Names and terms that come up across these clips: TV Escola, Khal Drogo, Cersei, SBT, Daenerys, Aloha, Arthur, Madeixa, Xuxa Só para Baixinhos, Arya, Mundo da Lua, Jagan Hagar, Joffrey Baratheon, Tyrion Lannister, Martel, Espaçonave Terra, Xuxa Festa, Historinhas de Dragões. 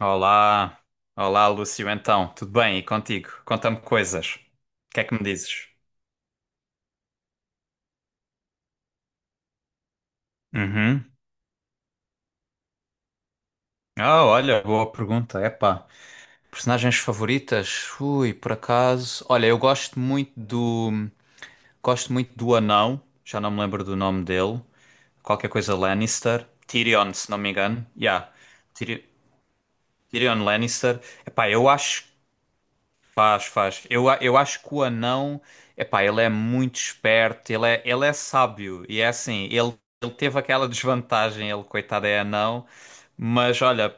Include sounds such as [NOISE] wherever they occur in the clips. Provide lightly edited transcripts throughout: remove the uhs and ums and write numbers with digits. Olá, olá Lúcio, então, tudo bem? E contigo? Conta-me coisas. O que é que me dizes? Uhum. Ah, olha, boa pergunta. Epá, personagens favoritas? Ui, por acaso. Olha, eu gosto muito do. Gosto muito do anão, já não me lembro do nome dele. Qualquer coisa Lannister. Tyrion, se não me engano. Yeah. Tyri- Tyrion Lannister. Epá, eu acho. Faz, faz. Eu acho que o anão, epá, ele é muito esperto, ele é sábio. E é assim, ele teve aquela [LAUGHS] desvantagem, ele, coitado, é anão. Mas olha,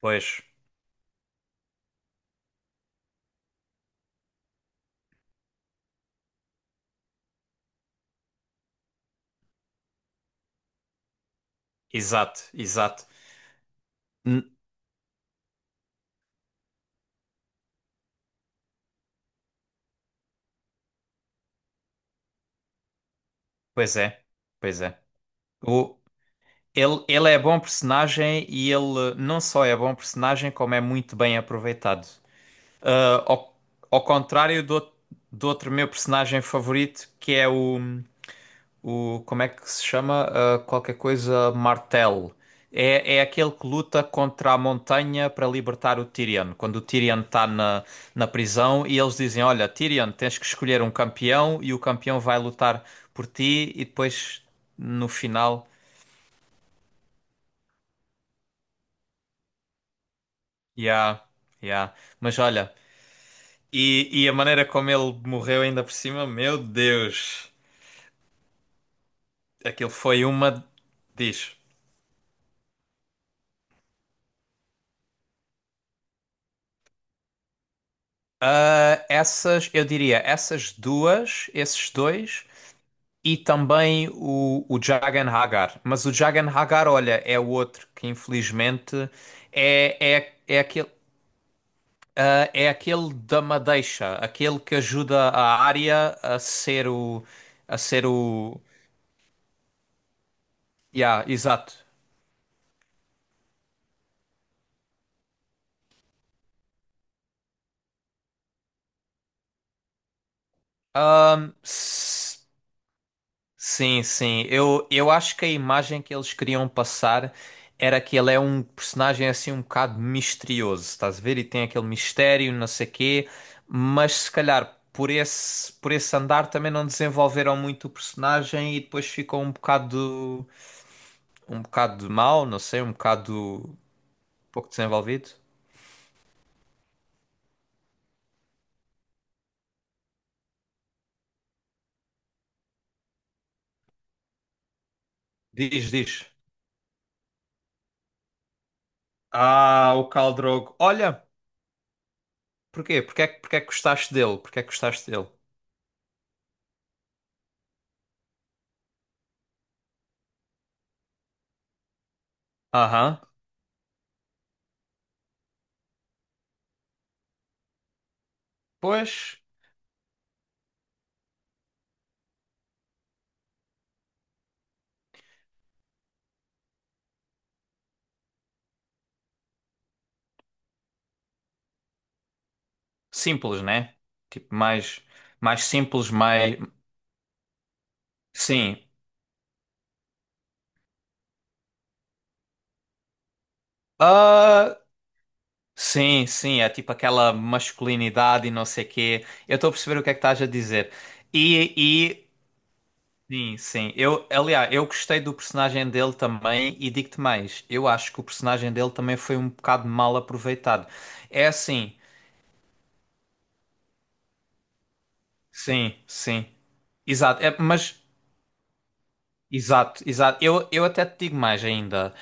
pois, exato, exato. N- Pois é, pois é. O, ele é bom personagem e ele não só é bom personagem, como é muito bem aproveitado. Ah, ao, ao contrário do, do outro meu personagem favorito, que é o. O, como é que se chama? Ah, qualquer coisa Martel. É, é aquele que luta contra a montanha para libertar o Tyrion. Quando o Tyrion está na, na prisão e eles dizem: Olha, Tyrion, tens que escolher um campeão e o campeão vai lutar por ti. E depois, no final, yeah, yeah. Mas olha, e a maneira como ele morreu ainda por cima, meu Deus, aquilo foi uma. Diz. Ah, essas, eu diria, essas duas, esses dois. E também o Jagan Hagar. Mas o Jagan Hagar, olha, é o outro que infelizmente é aquele, é aquele da Madeixa, aquele que ajuda a Arya a ser o. A ser o. Yeah, exato. Ahm, s- Sim, sim. Eu acho que a imagem que eles queriam passar era que ele é um personagem assim um bocado misterioso, estás a ver? E tem aquele mistério, não sei quê, mas se calhar por esse andar também não desenvolveram muito o personagem e depois ficou um bocado mau, não sei, um bocado pouco desenvolvido. Diz, diz. Ah, o Khal Drogo. Olha, porquê? Porquê é que gostaste dele? Porquê é que gostaste dele? Aham. Pois. Simples, né? Tipo, mais, mais simples, mais. Sim. Ah, sim, sim. É tipo aquela masculinidade e não sei quê. Eu estou a perceber o que é que estás a dizer. E sim, sim. Eu, aliás, eu gostei do personagem dele também e digo-te mais. Eu acho que o personagem dele também foi um bocado mal aproveitado. É assim, sim, sim. Exato. É, mas. Exato, exato. Eu até te digo mais ainda.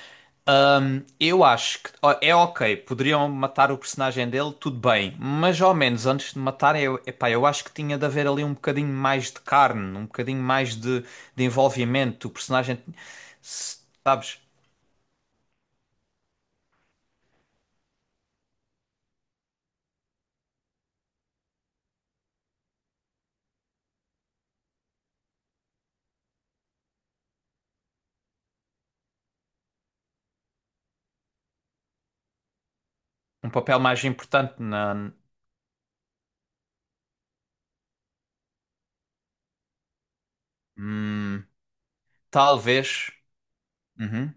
Eu acho que ó, é ok, poderiam matar o personagem dele, tudo bem, mas ao menos antes de matar, eu, epá, eu acho que tinha de haver ali um bocadinho mais de carne, um bocadinho mais de envolvimento. O personagem, se- sabes, um papel mais importante na. Hum, talvez. Uhum,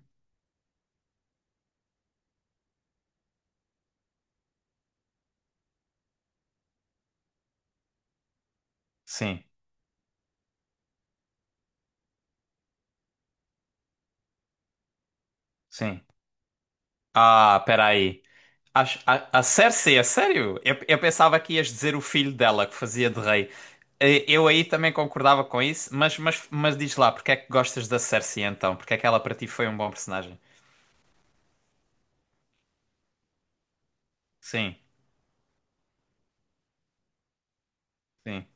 sim, sim. Ah, peraí. A Cersei, é sério? Eu pensava que ias dizer o filho dela que fazia de rei. Eh, eu aí também concordava com isso, mas diz lá, porque é que gostas da Cersei então? Porque é que ela para ti foi um bom personagem? Sim, sim,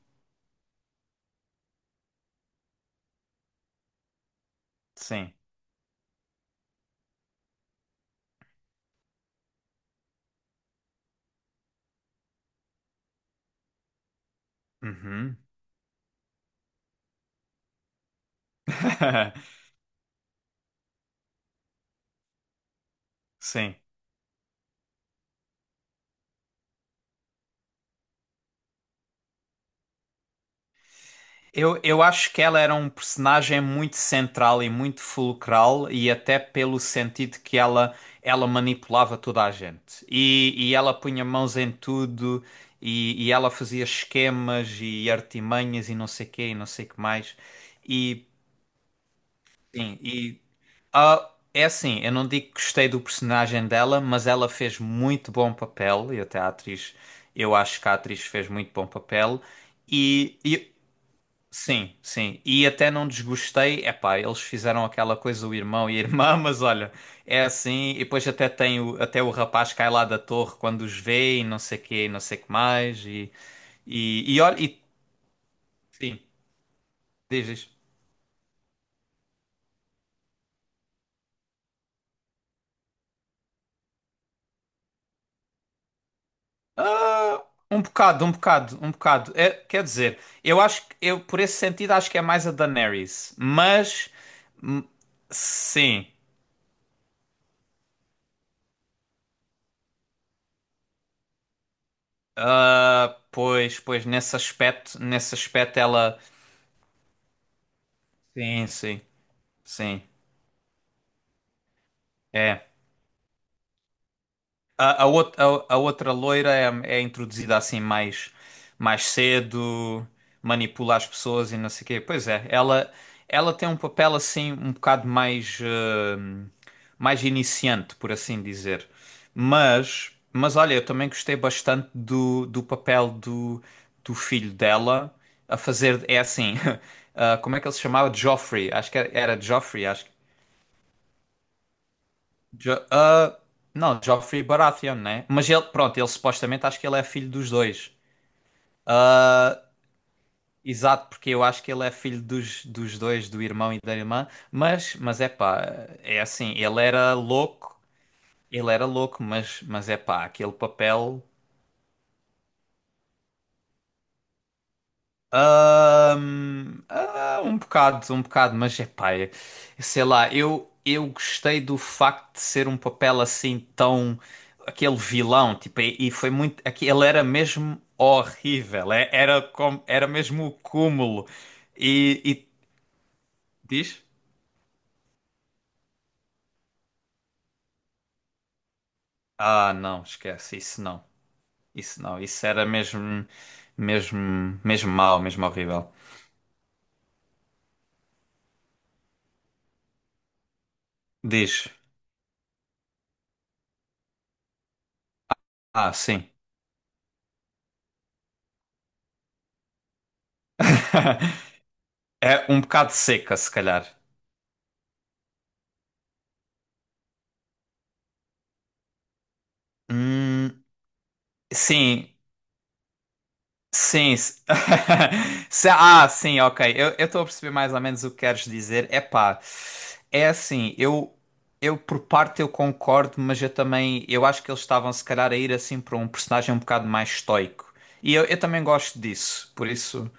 sim. Uhum. [LAUGHS] Sim. Eu acho que ela era um personagem muito central e muito fulcral, e até pelo sentido que ela manipulava toda a gente. E ela punha mãos em tudo, e ela fazia esquemas e artimanhas e não sei quê, e não sei que mais. E, sim, e ah, é assim, eu não digo que gostei do personagem dela, mas ela fez muito bom papel, e até a atriz, eu acho que a atriz fez muito bom papel. E, e Sim, sim. E até não desgostei. Epá, eles fizeram aquela coisa, o irmão e a irmã, [LAUGHS] mas olha, é assim. E depois até tem o, até o rapaz cai lá da torre quando os vê e não sei quê, e não sei que mais. E olha, e sim, diz isto. Ah, um bocado, um bocado, um bocado. É, quer dizer, eu, por esse sentido, acho que é mais a Daenerys. Mas, hum, sim. Ah, pois, pois, nesse aspecto ela. Sim, sim, sim. É. A outra loira é, é introduzida assim mais, mais cedo, manipula as pessoas e não sei o quê. Pois é, ela tem um papel assim um bocado mais, eh, mais iniciante, por assim dizer. Mas olha, eu também gostei bastante do, do papel do, do filho dela a fazer. É assim, [LAUGHS] ah, como é que ele se chamava? Joffrey, acho que era, era Joffrey, acho Jo- ah, não, Joffrey Baratheon, né? Mas ele, pronto, ele supostamente acho que ele é filho dos dois. Ah, exato, porque eu acho que ele é filho dos, dos dois, do irmão e da irmã. Mas é pá, é assim, ele era louco, mas é pá, aquele papel. Um bocado, mas é pá, sei lá, eu gostei do facto de ser um papel assim tão. Aquele vilão, tipo, e foi muito. Ele era mesmo horrível, era, como, era mesmo o cúmulo. E, e diz? Ah, não, esquece, isso não, isso não, isso era mesmo, mesmo, mesmo mau, mesmo horrível. Diz, ah, sim, [LAUGHS] é um bocado seca, se calhar. Hum. Sim, sim. [LAUGHS] Ah, sim, ok. Eu estou a perceber mais ou menos o que queres dizer. É pá, é assim, eu por parte eu concordo, mas eu também, eu acho que eles estavam se calhar a ir assim para um personagem um bocado mais estoico. Eu também gosto disso, por isso.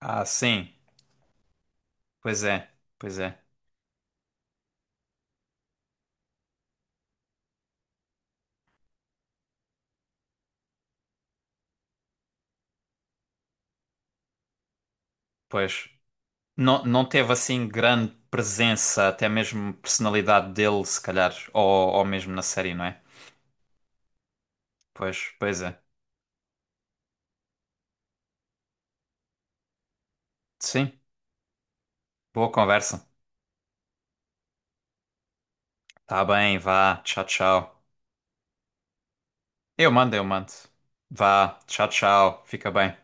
Ah, sim, pois é, pois é, pois. Não, não teve assim grande presença, até mesmo personalidade dele, se calhar, ou mesmo na série, não é? Pois, pois é. Sim, boa conversa. Tá bem, vá. Tchau, tchau. Eu mando, eu mando. Vá. Tchau, tchau. Fica bem.